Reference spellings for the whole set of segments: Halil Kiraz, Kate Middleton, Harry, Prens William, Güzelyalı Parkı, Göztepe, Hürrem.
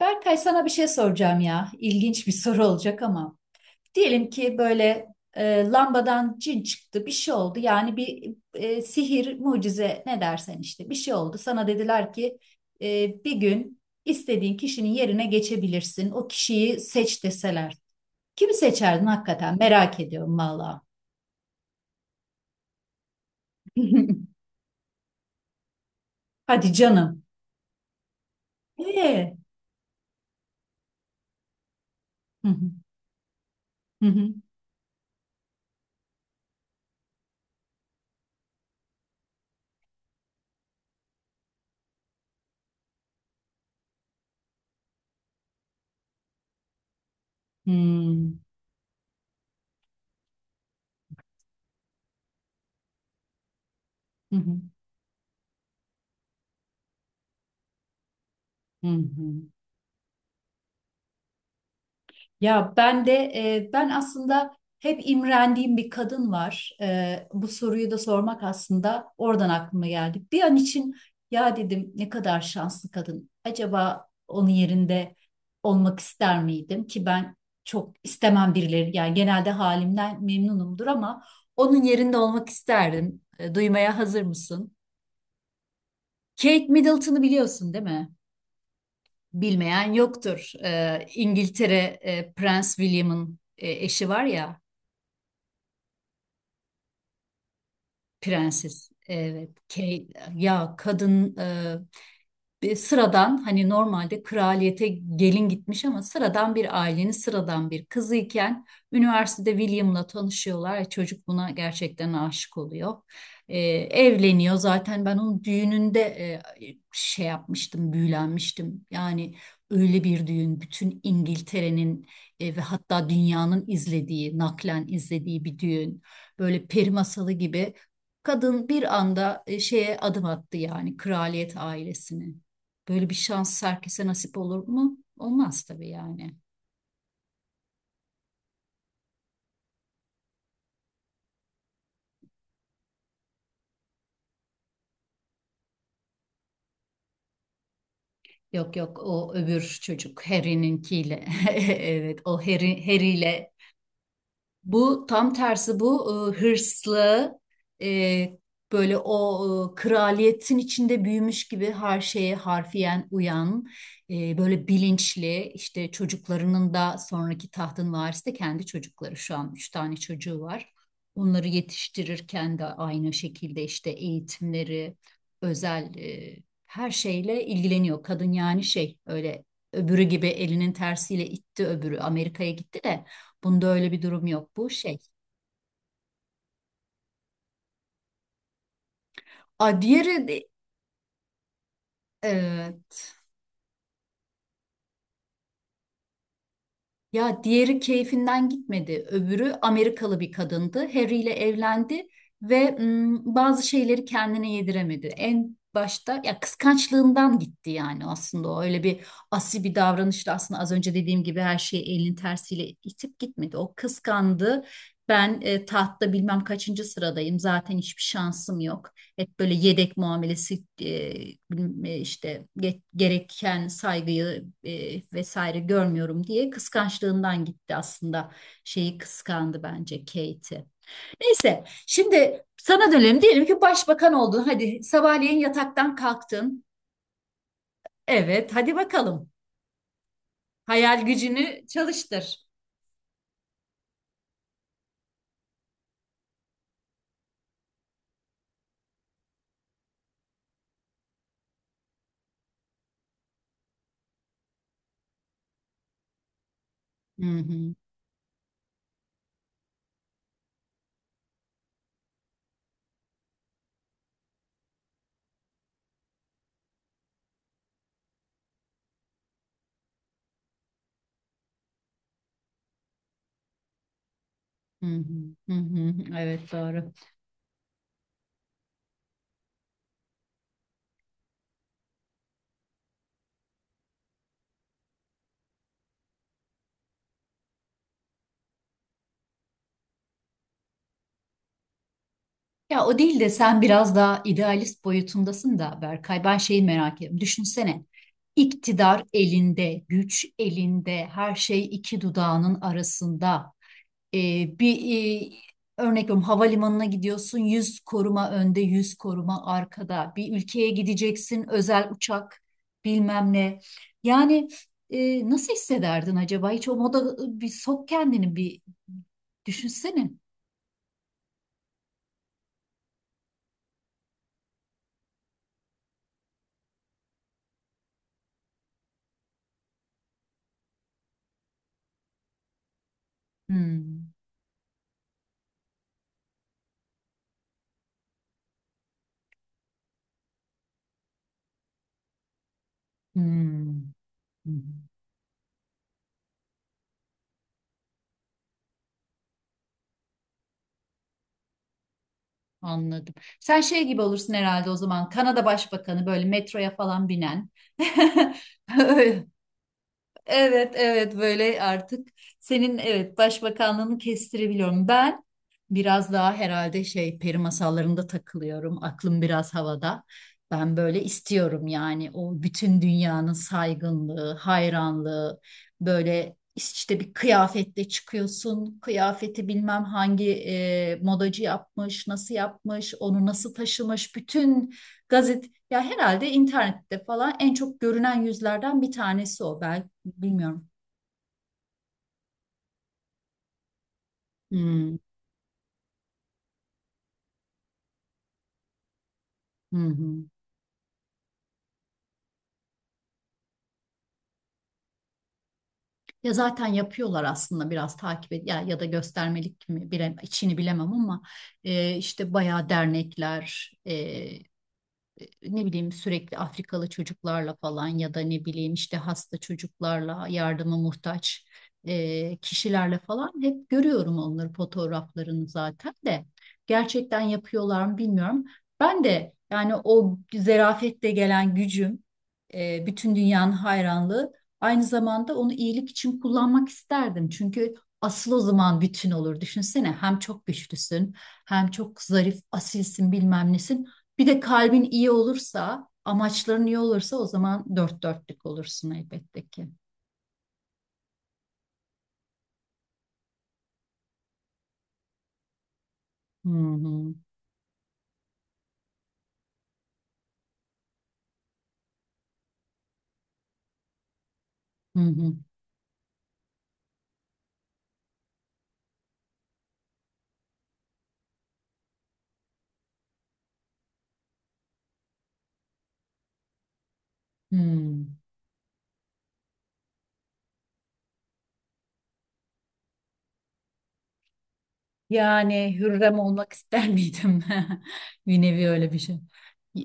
Berkay, sana bir şey soracağım ya. İlginç bir soru olacak ama. Diyelim ki böyle lambadan cin çıktı, bir şey oldu. Yani bir sihir, mucize ne dersen işte bir şey oldu. Sana dediler ki bir gün istediğin kişinin yerine geçebilirsin. O kişiyi seç deseler. Kimi seçerdin hakikaten? Merak ediyorum valla. Hadi canım. Ee? Hı hı, hı hı, hı hı, hı hı, hı hı. Ya ben de, ben aslında hep imrendiğim bir kadın var. Bu soruyu da sormak aslında oradan aklıma geldi. Bir an için ya dedim ne kadar şanslı kadın. Acaba onun yerinde olmak ister miydim ki ben çok istemem birileri. Yani genelde halimden memnunumdur ama onun yerinde olmak isterdim. Duymaya hazır mısın? Kate Middleton'ı biliyorsun değil mi? Bilmeyen yoktur. İngiltere, Prens William'ın eşi var ya. Prenses. Evet. Ya kadın, bir sıradan, hani normalde kraliyete gelin gitmiş ama sıradan bir ailenin sıradan bir kızıyken üniversitede William'la tanışıyorlar. Çocuk buna gerçekten aşık oluyor. Evleniyor. Zaten ben onun düğününde şey yapmıştım, büyülenmiştim. Yani öyle bir düğün, bütün İngiltere'nin ve hatta dünyanın izlediği, naklen izlediği bir düğün. Böyle peri masalı gibi. Kadın bir anda şeye adım attı, yani kraliyet ailesine. Böyle bir şans herkese nasip olur mu? Olmaz tabii yani. Yok yok, o öbür çocuk Harry'ninkiyle. Evet, o Harry'yle. Bu tam tersi. Bu hırslı, e, böyle o, kraliyetin içinde büyümüş gibi her şeye harfiyen uyan, böyle bilinçli. İşte çocuklarının da sonraki tahtın varisi de kendi çocukları, şu an üç tane çocuğu var. Onları yetiştirirken de aynı şekilde işte eğitimleri özel, her şeyle ilgileniyor kadın. Yani şey, öyle öbürü gibi elinin tersiyle itti, öbürü Amerika'ya gitti de. Bunda öyle bir durum yok. Bu şey. A diğeri evet. Ya diğeri keyfinden gitmedi. Öbürü Amerikalı bir kadındı. Harry ile evlendi ve bazı şeyleri kendine yediremedi. En başta ya kıskançlığından gitti, yani aslında o öyle bir asi bir davranışla, aslında az önce dediğim gibi her şeyi elinin tersiyle itip gitmedi. O kıskandı. Ben, tahtta bilmem kaçıncı sıradayım. Zaten hiçbir şansım yok. Hep böyle yedek muamelesi, bilmem, işte gereken saygıyı vesaire görmüyorum diye kıskançlığından gitti aslında. Şeyi kıskandı bence, Kate'i. Neyse, şimdi sana dönelim. Diyelim ki başbakan oldun. Hadi, sabahleyin yataktan kalktın. Evet, hadi bakalım. Hayal gücünü çalıştır. Hı hı, hı hı, hı hı. Evet, doğru. Ya, o değil de sen biraz daha idealist boyutundasın da Berkay. Ben şeyi merak ediyorum. Düşünsene. İktidar elinde, güç elinde, her şey iki dudağının arasında. Bir e, örnek veriyorum, havalimanına gidiyorsun, 100 koruma önde, 100 koruma arkada. Bir ülkeye gideceksin, özel uçak, bilmem ne. Yani nasıl hissederdin acaba? Hiç o moda bir sok kendini, bir düşünsene. Hmm. Hmm. Hmm. Anladım. Sen şey gibi olursun herhalde o zaman, Kanada Başbakanı böyle metroya falan binen. Öyle. Evet, evet, böyle artık senin evet başbakanlığını kestirebiliyorum. Ben biraz daha herhalde şey, peri masallarında takılıyorum. Aklım biraz havada. Ben böyle istiyorum yani, o bütün dünyanın saygınlığı, hayranlığı, böyle işte bir kıyafetle çıkıyorsun. Kıyafeti bilmem hangi modacı yapmış, nasıl yapmış, onu nasıl taşımış. Bütün gazete, ya herhalde internette falan en çok görünen yüzlerden bir tanesi o. Ben bilmiyorum. Hmm, hı hı. Ya zaten yapıyorlar aslında, biraz takip et, ya ya da göstermelik mi bile, içini bilemem ama işte bayağı dernekler, e, ne bileyim, sürekli Afrikalı çocuklarla falan ya da ne bileyim işte hasta çocuklarla, yardıma muhtaç kişilerle falan hep görüyorum onları, fotoğraflarını. Zaten de gerçekten yapıyorlar mı bilmiyorum. Ben de yani o zerafetle gelen gücüm, bütün dünyanın hayranlığı, aynı zamanda onu iyilik için kullanmak isterdim. Çünkü asıl o zaman bütün olur. Düşünsene, hem çok güçlüsün hem çok zarif, asilsin, bilmem nesin. Bir de kalbin iyi olursa, amaçların iyi olursa, o zaman dört dörtlük olursun elbette ki. Hı hı, hı hı, hı. Yani Hürrem olmak ister miydim? Bir nevi öyle bir şey.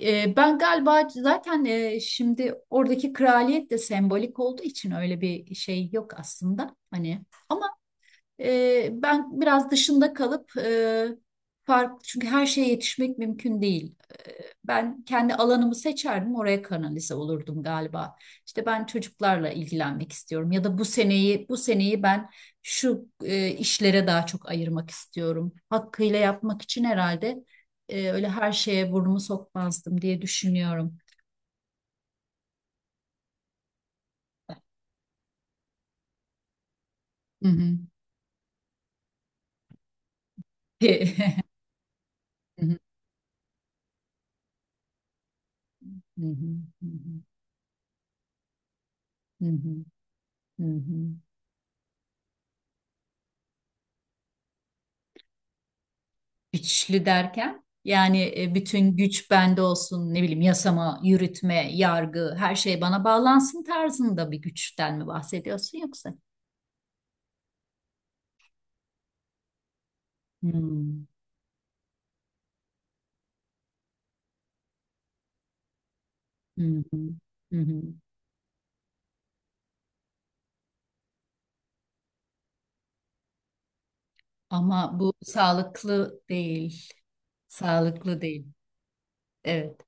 Ben galiba zaten, şimdi oradaki kraliyet de sembolik olduğu için öyle bir şey yok aslında. Hani, ama ben biraz dışında kalıp, farklı, çünkü her şeye yetişmek mümkün değil. E, Ben kendi alanımı seçerdim, oraya kanalize olurdum galiba. İşte ben çocuklarla ilgilenmek istiyorum, ya da bu seneyi ben şu işlere daha çok ayırmak istiyorum. Hakkıyla yapmak için herhalde öyle her şeye burnumu sokmazdım diye düşünüyorum. Hı hı. Hı hı. Hı hı. Hı hı. Hı hı. Hı hı. Güçlü derken yani bütün güç bende olsun, ne bileyim yasama, yürütme, yargı her şey bana bağlansın tarzında bir güçten mi bahsediyorsun, yoksa? Hmm, hı hı. Hı hı. Ama bu sağlıklı değil. Sağlıklı değil. Evet.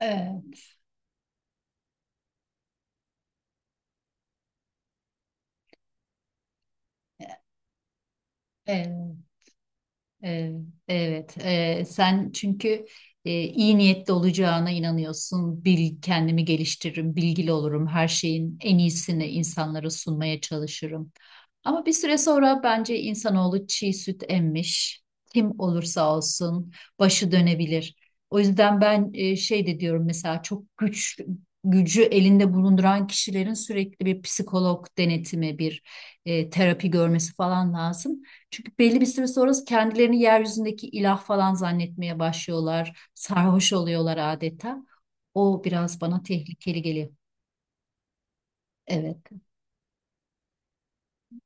Evet. Evet. Evet, evet. Sen çünkü iyi niyetli olacağına inanıyorsun. Bil, kendimi geliştiririm, bilgili olurum. Her şeyin en iyisini insanlara sunmaya çalışırım. Ama bir süre sonra bence insanoğlu çiğ süt emmiş. Kim olursa olsun başı dönebilir. O yüzden ben, şey de diyorum mesela, çok gücü elinde bulunduran kişilerin sürekli bir psikolog denetimi, bir terapi görmesi falan lazım. Çünkü belli bir süre sonra kendilerini yeryüzündeki ilah falan zannetmeye başlıyorlar. Sarhoş oluyorlar adeta. O biraz bana tehlikeli geliyor. Evet.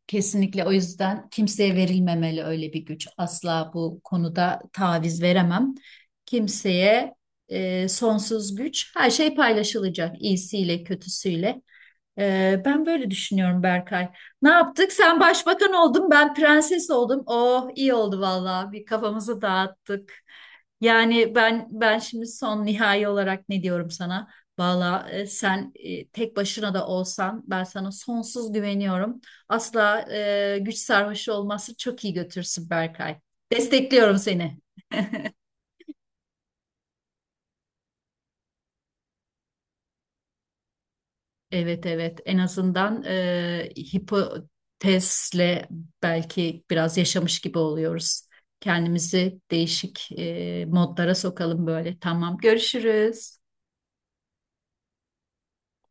Kesinlikle, o yüzden kimseye verilmemeli öyle bir güç. Asla bu konuda taviz veremem. Kimseye sonsuz güç, her şey paylaşılacak, iyisiyle, kötüsüyle. Ben böyle düşünüyorum Berkay. Ne yaptık? Sen başbakan oldun, ben prenses oldum. Oh, iyi oldu vallahi. Bir kafamızı dağıttık. Yani ben şimdi son nihai olarak ne diyorum sana? Vallahi sen, tek başına da olsan ben sana sonsuz güveniyorum. Asla güç sarhoşu olması çok iyi götürsün Berkay. Destekliyorum seni. Evet, evet, en azından hipotezle belki biraz yaşamış gibi oluyoruz. Kendimizi değişik modlara sokalım böyle. Tamam, görüşürüz.